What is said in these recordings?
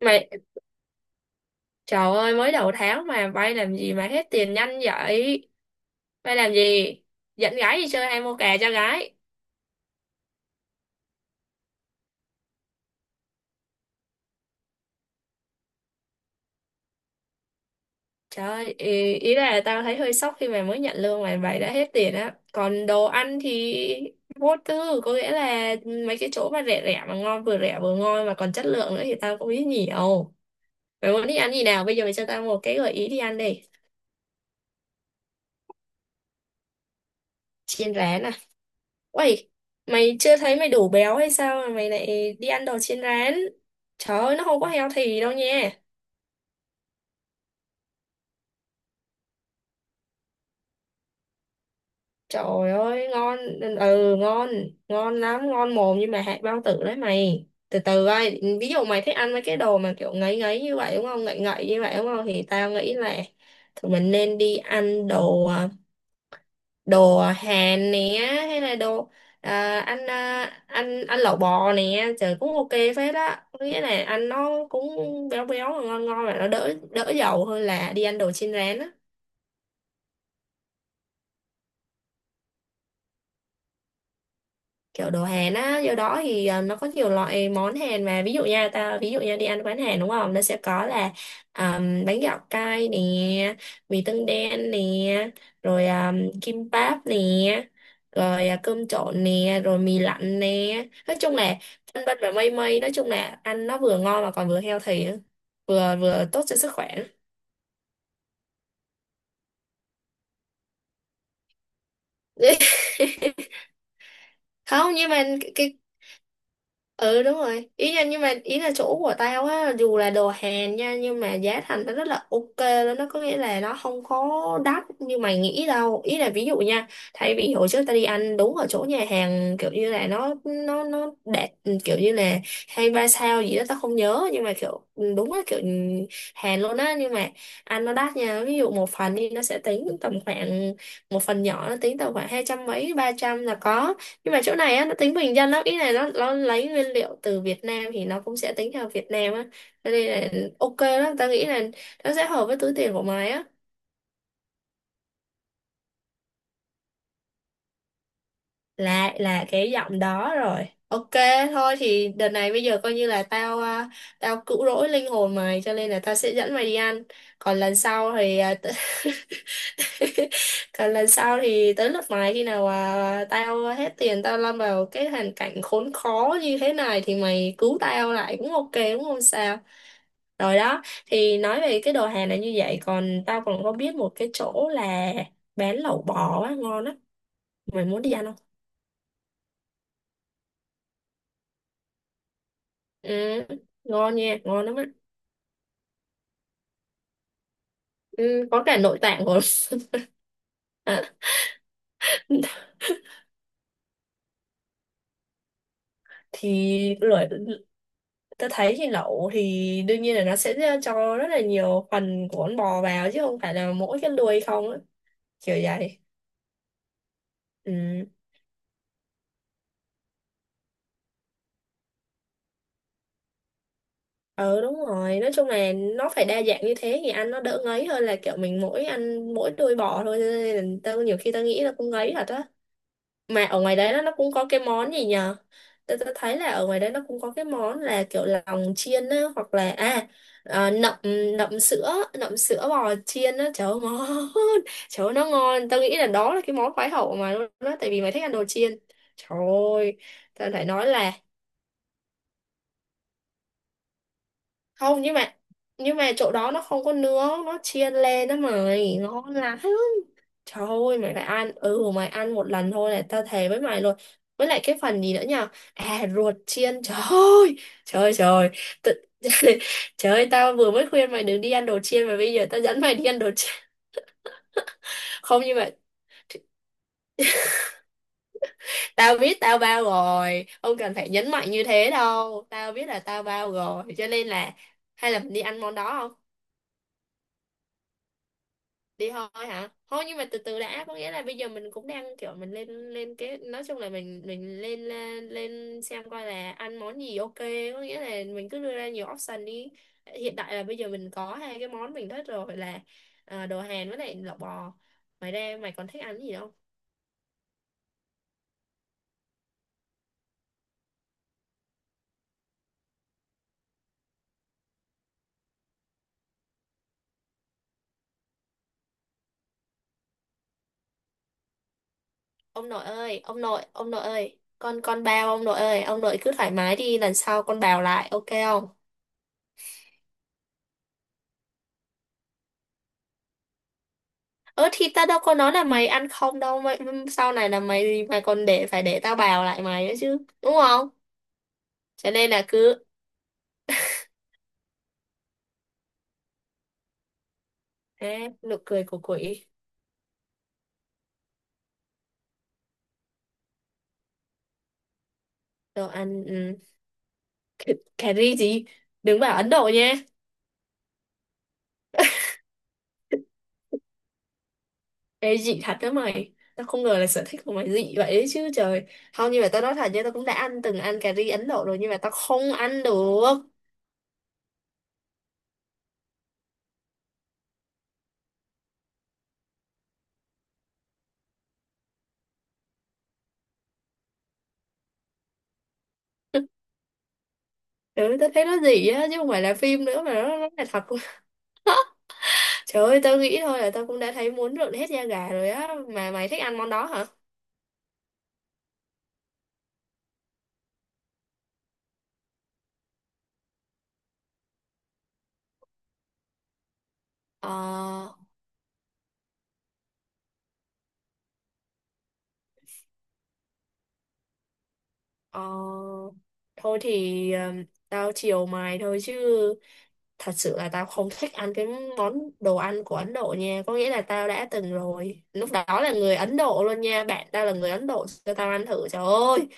Mày, trời ơi, mới đầu tháng mà bay làm gì mà hết tiền nhanh vậy? Bay làm gì? Dẫn gái đi chơi hay mua kè cho gái? Trời ơi, ý là tao thấy hơi sốc khi mà mới nhận lương mà mày đã hết tiền á. Còn đồ ăn thì vô tư, có nghĩa là mấy cái chỗ mà rẻ rẻ mà ngon, vừa rẻ vừa ngon mà còn chất lượng nữa thì tao cũng biết nhiều. Mày muốn đi ăn gì nào? Bây giờ mày cho tao một cái gợi ý đi ăn đi. Chiên rán à? Uầy, mày chưa thấy mày đủ béo hay sao mà mày lại đi ăn đồ chiên rán? Trời ơi, nó không có healthy đâu nha. Trời ơi, ngon, ừ, ngon, ngon lắm, ngon mồm nhưng mà hại bao tử đấy mày. Từ từ coi, ví dụ mày thích ăn mấy cái đồ mà kiểu ngấy ngấy như vậy đúng không, ngậy ngậy như vậy đúng không, thì tao nghĩ là tụi mình nên đi ăn đồ đồ Hàn nè, hay là đồ anh à, anh anh lẩu bò nè, trời cũng ok phết á. Có nghĩa là ăn nó cũng béo béo ngon ngon và nó đỡ đỡ dầu hơn là đi ăn đồ chiên rán á, kiểu đồ Hàn á. Do đó thì nó có nhiều loại món Hàn mà, ví dụ nha, ta ví dụ nha, đi ăn quán Hàn đúng không, nó sẽ có là à, bánh gạo cay nè, mì tương đen nè, rồi kim báp nè, rồi cơm trộn nè, rồi mì lạnh nè. Nói chung là vân vân và mây mây, nói chung là ăn nó vừa ngon mà còn vừa healthy nữa, vừa vừa tốt cho sức khỏe. Không nhưng mà cái ừ đúng rồi, ý là nhưng mà ý là chỗ của tao á, dù là đồ Hàn nha, nhưng mà giá thành nó rất là ok luôn. Nó có nghĩa là nó không có đắt như mày nghĩ đâu. Ý là ví dụ nha, thay vì hồi trước tao đi ăn đúng ở chỗ nhà hàng kiểu như là nó đẹp, kiểu như là 2-3 sao gì đó tao không nhớ, nhưng mà kiểu đúng là kiểu Hàn luôn á, nhưng mà ăn nó đắt nha. Ví dụ một phần đi, nó sẽ tính tầm khoảng một phần nhỏ nó tính tầm khoảng 200 mấy 300 là có. Nhưng mà chỗ này á nó tính bình dân lắm, ý này nó lấy nguyên liệu từ Việt Nam thì nó cũng sẽ tính theo Việt Nam á. Cho nên là ok lắm, ta nghĩ là nó sẽ hợp với túi tiền của mày á. Là cái giọng đó rồi, ok. Thôi thì đợt này bây giờ coi như là tao tao cứu rỗi linh hồn mày, cho nên là tao sẽ dẫn mày đi ăn. Còn lần sau thì còn lần sau thì tới lượt mày, khi nào tao hết tiền, tao lâm vào cái hoàn cảnh khốn khó như thế này thì mày cứu tao lại cũng ok, đúng không sao? Rồi đó, thì nói về cái đồ hàng này như vậy, còn tao còn có biết một cái chỗ là bán lẩu bò á, ngon á. Mày muốn đi ăn không? Ừ, ngon nha, ngon lắm á. Ừ, có cả nội tạng rồi. Thì lười. Tôi thấy thì lẩu thì đương nhiên là nó sẽ cho rất là nhiều phần của con bò vào chứ không phải là mỗi cái đuôi không á. Kiểu vậy. Ừ. Ừ đúng rồi, nói chung là nó phải đa dạng như thế thì ăn nó đỡ ngấy hơn là kiểu mình mỗi ăn mỗi đuôi bò thôi. Cho nên là tao nhiều khi tao nghĩ là cũng ngấy thật á. Mà ở ngoài đấy nó cũng có cái món gì nhờ. Tôi thấy là ở ngoài đấy nó cũng có cái món là kiểu lòng chiên á, hoặc là à nậm, nậm sữa, nậm sữa bò chiên á, trời ơi ngon. Trời ơi nó ngon, tao nghĩ là đó là cái món khoái khẩu mà luôn đó, tại vì mày thích ăn đồ chiên. Trời ơi, tao phải nói là không nhưng mà, nhưng mà chỗ đó nó không có nướng, nó chiên lên đó mày, ngon lắm. Trời ơi mày lại ăn. Ừ mày ăn một lần thôi này, tao thề với mày luôn. Với lại cái phần gì nữa nhỉ? À ruột chiên. Trời ơi, trời ơi, trời tự... Trời ơi tao vừa mới khuyên mày đừng đi ăn đồ chiên, mà bây giờ tao dẫn mày đi ăn đồ chiên. Không nhưng mà tao biết tao bao rồi, không cần phải nhấn mạnh như thế đâu. Tao biết là tao bao rồi, cho nên là hay là mình đi ăn món đó không? Đi thôi hả? Thôi nhưng mà từ từ đã, có nghĩa là bây giờ mình cũng đang kiểu mình lên lên. Nói chung là mình lên lên lên xem coi là ăn món gì ok, có nghĩa là mình cứ đưa ra nhiều option đi. Hiện tại là bây giờ mình có hai cái món mình thích rồi là đồ Hàn với lại lẩu bò. Mày ra mày còn thích ăn gì không? Ông nội ơi, ông nội, ông nội ơi, con bao ông nội ơi, ông nội cứ thoải mái đi, lần sau con bào lại ok không? Ơ thì tao đâu có nói là mày ăn không đâu mày. Sau này là mày mày còn để phải để tao bào lại mày nữa chứ, đúng không? Cho nên là cứ nụ cười của quỷ. Đồ ăn ừ. cà, Cà ri gì? Đừng bảo Ấn Độ nha. Ê dị thật đó mày, tao không ngờ là sở thích của mày dị vậy đấy chứ trời. Không nhưng mà tao nói thật nha, tao cũng đã ăn ăn cà ri Ấn Độ rồi, nhưng mà tao không ăn được. Ừ, tao thấy nó dị á, chứ không phải là phim nữa mà nó là thật. Trời ơi, tao nghĩ thôi là tao cũng đã thấy muốn rợn hết da gà rồi á, mà mày thích ăn món đó hả? Ờ, ờ, thôi thì tao chiều mày thôi chứ, thật sự là tao không thích ăn cái món đồ ăn của Ấn Độ nha. Có nghĩa là tao đã từng rồi, lúc đó là người Ấn Độ luôn nha, bạn tao là người Ấn Độ cho tao ăn thử, trời ơi,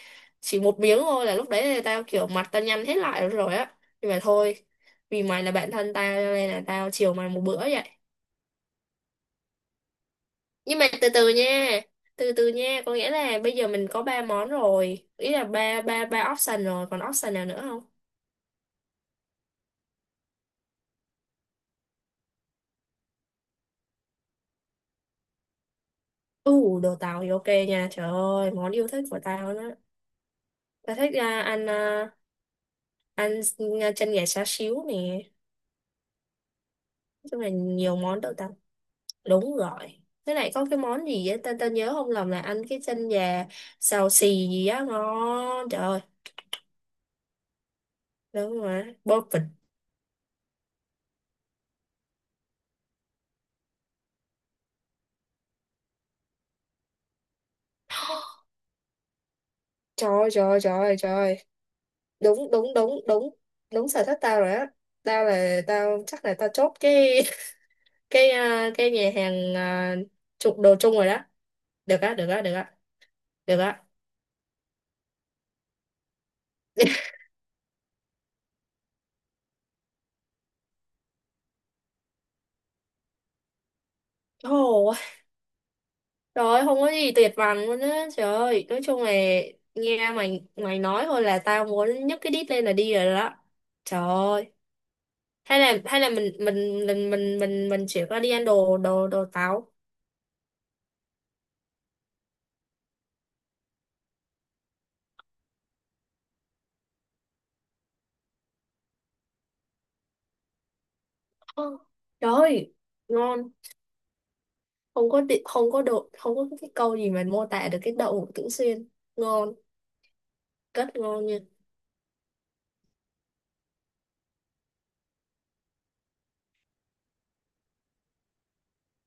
chỉ một miếng thôi là lúc đấy là tao kiểu mặt tao nhăn hết lại rồi á. Nhưng mà thôi, vì mày là bạn thân tao, cho nên là tao chiều mày một bữa vậy. Nhưng mà từ từ nha, từ từ nha, có nghĩa là bây giờ mình có ba món rồi, ý là ba ba ba option rồi, còn option nào nữa không? Ừ, đồ tàu thì ok nha, trời ơi món yêu thích của tao đó. Tao thích ăn ăn chân gà xá xíu nè, nói chung là nhiều món đồ tàu, đúng rồi. Thế này có cái món gì á, tao tao nhớ không lầm là ăn cái chân gà xào xì gì á ngon, trời ơi. Đúng rồi, perfect. Trời ơi, trời ơi, trời ơi, trời ơi. Đúng đúng đúng đúng, đúng sở thích tao rồi á. Tao là tao chắc là tao chốt cái cái cái nhà hàng chụp đồ chung rồi đó. Được á, được á, được á, được á. Ồ, trời ơi, không có gì tuyệt vời luôn á trời ơi. Nói chung là nghe mày mày nói thôi là tao muốn nhấc cái đít lên là đi rồi đó. Trời ơi, hay là mình chuyển qua đi ăn đồ đồ đồ táo. Ờ, trời ơi ngon, không có đị- không có độ không có cái câu gì mà mô tả được cái đậu hũ Tửu Xuyên, ngon, rất ngon nha.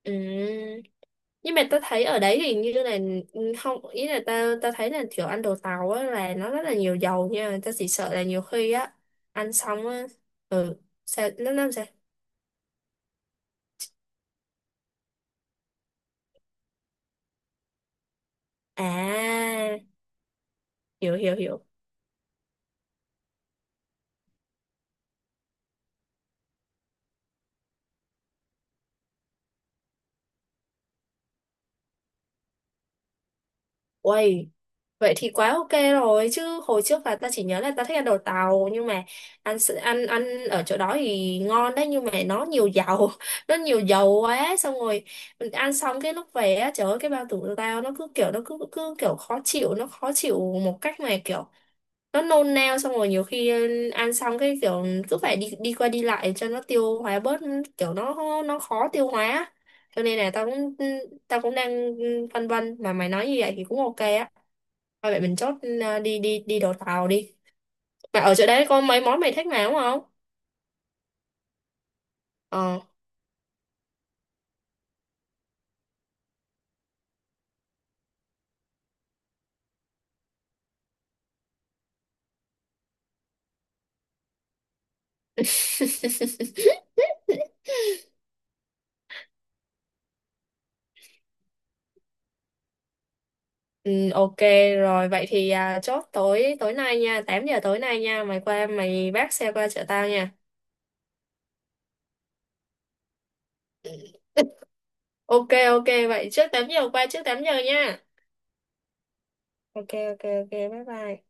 Ừ. Nhưng mà tao thấy ở đấy thì như là ừ, không, ý là tao tao thấy là kiểu ăn đồ tàu á là nó rất là nhiều dầu nha, tao chỉ sợ là nhiều khi á ăn xong á, ừ, sao nó làm sao. À, hiểu hiểu hiểu. Uầy, vậy thì quá ok rồi chứ, hồi trước là ta chỉ nhớ là ta thích ăn đồ tàu nhưng mà ăn s- ăn ăn ở chỗ đó thì ngon đấy, nhưng mà nó nhiều dầu. Nó nhiều dầu quá, xong rồi mình ăn xong cái lúc về á, trời ơi cái bao tử của tao nó cứ kiểu nó cứ cứ kiểu khó chịu, nó khó chịu một cách mà kiểu nó nôn nao, xong rồi nhiều khi ăn xong cái kiểu cứ phải đi đi qua đi lại cho nó tiêu hóa bớt, kiểu nó khó tiêu hóa á. Cho nên là tao cũng đang phân vân, mà mày nói như vậy thì cũng ok á. Thôi vậy mình chốt, ừ, đi đi đi đồ tàu đi, mà ở chỗ đấy có mấy món mày thích mà đúng không? Ờ. Ừ, ok. Rồi vậy thì chốt tối tối nay nha, 8 giờ tối nay nha, mày qua mày vác xe qua chợ tao nha. Ok ok vậy trước 8 giờ qua, trước 8 giờ nha. Ok ok ok bye bye.